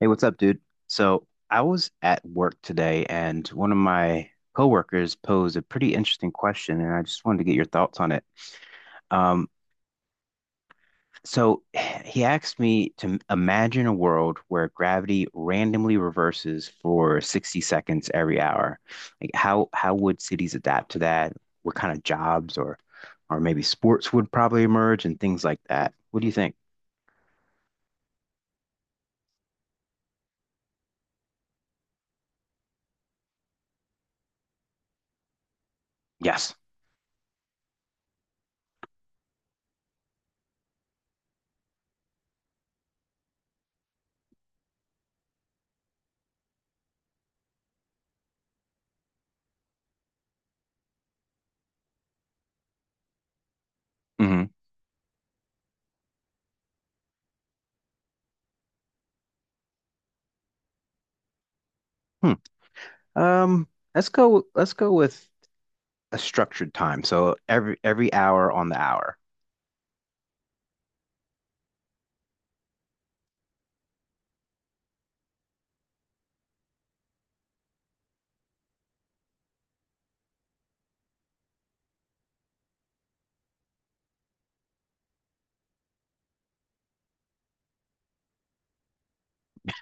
Hey, what's up, dude? So I was at work today and one of my coworkers posed a pretty interesting question, and I just wanted to get your thoughts on it. Um, so he asked me to imagine a world where gravity randomly reverses for 60 seconds every hour. Like how would cities adapt to that? What kind of jobs or maybe sports would probably emerge and things like that. What do you think? Yes. hmm Hmm. Um, let's go with a structured time. So every hour on the hour.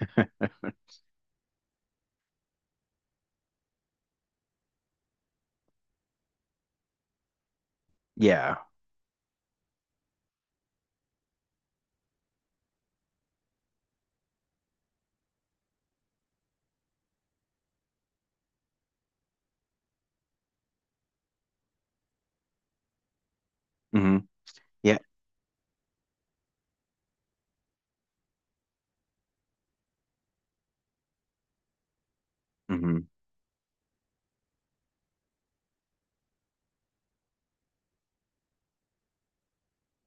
Yeah. hmm Yeah. hmm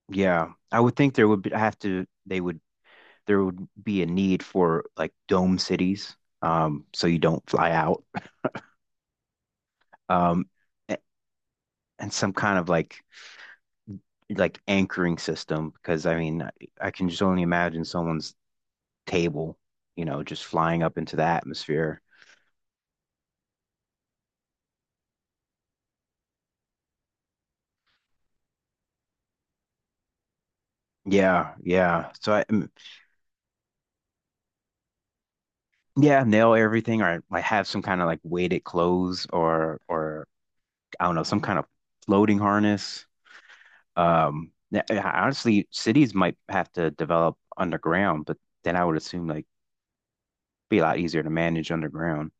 Yeah. I would think there would be, I have to they would there would be a need for like dome cities, so you don't fly out. Um, a- and some kind of like anchoring system because I mean, I can just only imagine someone's table, you know, just flying up into the atmosphere. Yeah, yeah. So I Yeah, nail everything or like have some kind of like weighted clothes or I don't know, some kind of floating harness. Yeah, honestly, cities might have to develop underground, but then I would assume like be a lot easier to manage underground.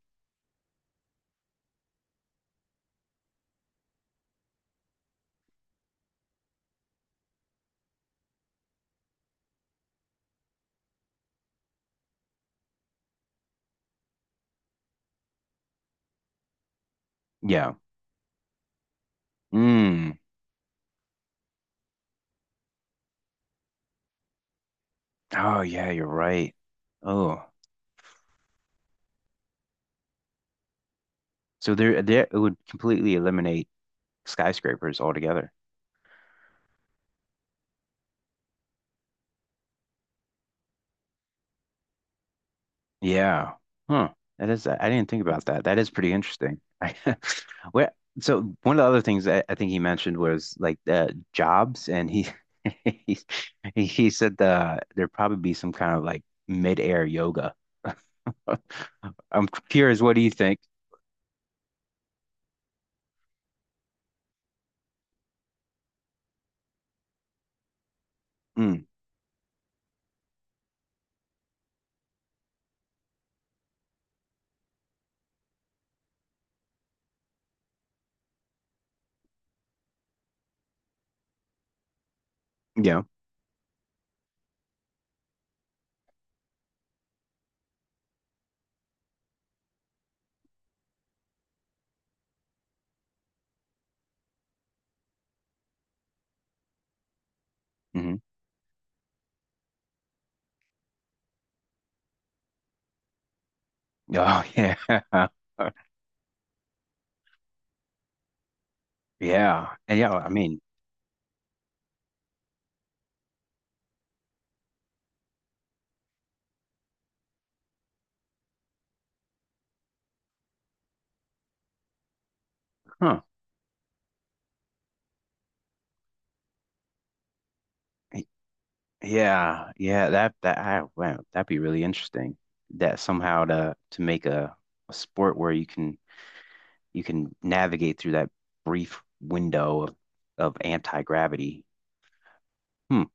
Yeah. Mm. Oh yeah, you're right. Oh. So there it would completely eliminate skyscrapers altogether. Yeah. Huh. That is, I didn't think about that. That is pretty interesting. Where, so one of the other things I think he mentioned was like jobs, and he he said there'd probably be some kind of like mid-air yoga. I'm curious, what do you think? Mm, yeah. hmm Oh yeah. Yeah. And yeah, I mean, huh. Yeah, yeah, that that I wow, that'd be really interesting. That somehow to make a sport where you can navigate through that brief window of anti gravity. Hmm.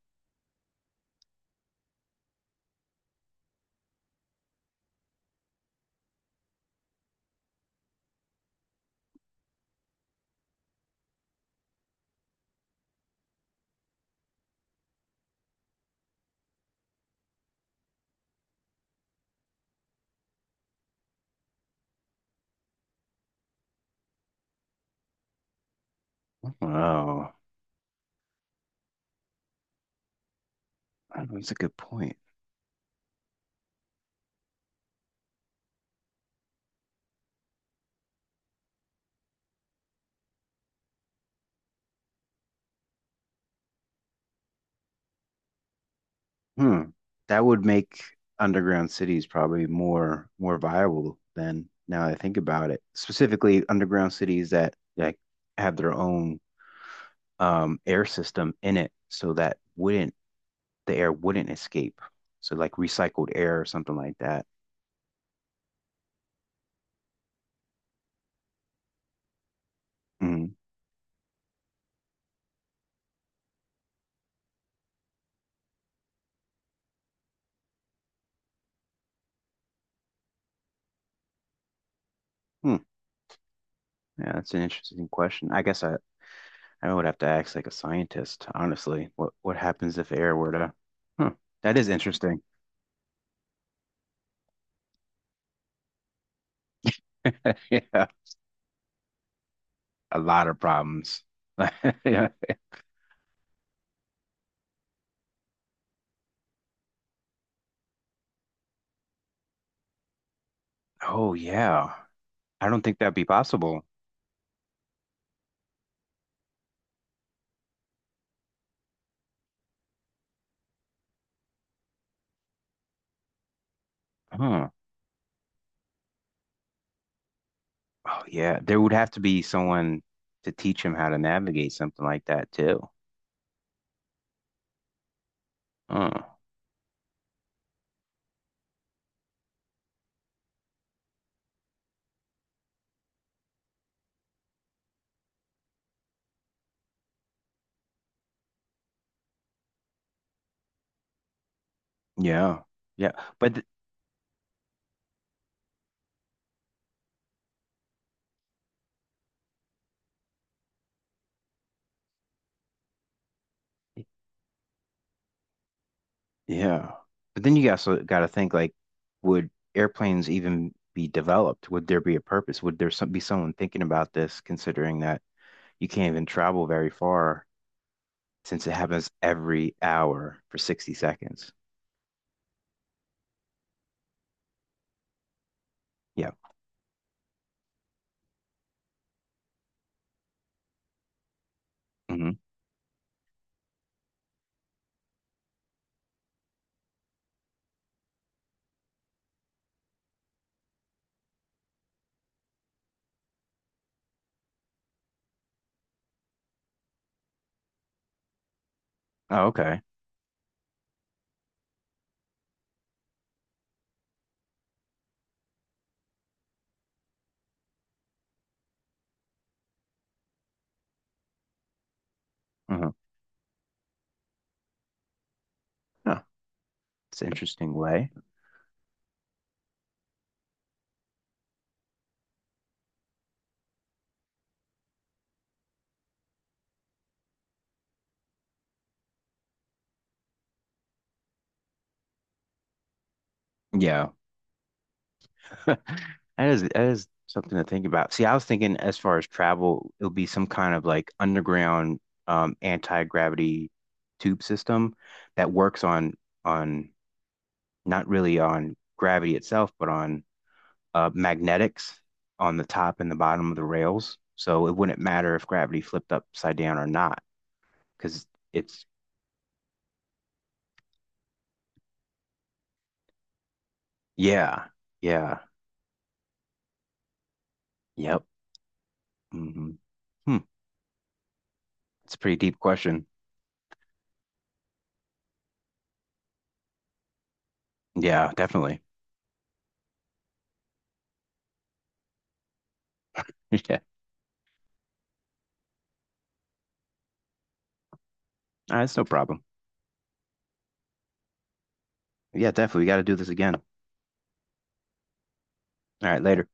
Oh, that's a good point. Hmm. That would make underground cities probably more viable than now that I think about it. Specifically, underground cities that like have their own air system in it, so that wouldn't the air wouldn't escape. So like recycled air or something like that. Mhm. Hmm. Yeah, that's an interesting question. I guess I would have to ask like a scientist, honestly. What happens if air were to? Huh, that is interesting. Yeah, a lot of problems. Yeah. Oh yeah. I don't think that'd be possible. Huh. Oh yeah. There would have to be someone to teach him how to navigate something like that too. Huh. Yeah. Yeah. But th- yeah. But then you also got to think like, would airplanes even be developed? Would there be a purpose? Would there be someone thinking about this, considering that? You can't even travel very far since it happens every hour for 60 seconds. Yeah. hmm Oh, okay. Uh-huh. Huh. It's an interesting way. Yeah. That is something to think about. See, I was thinking as far as travel, it'll be some kind of like underground anti-gravity tube system that works on not really on gravity itself, but on magnetics on the top and the bottom of the rails. So it wouldn't matter if gravity flipped upside down or not, because it's, yeah, yeah, yep. hmm Hmm. It's a pretty deep question. Yeah, definitely. Yeah, that's no problem. Yeah, definitely. We got to do this again. All right, later.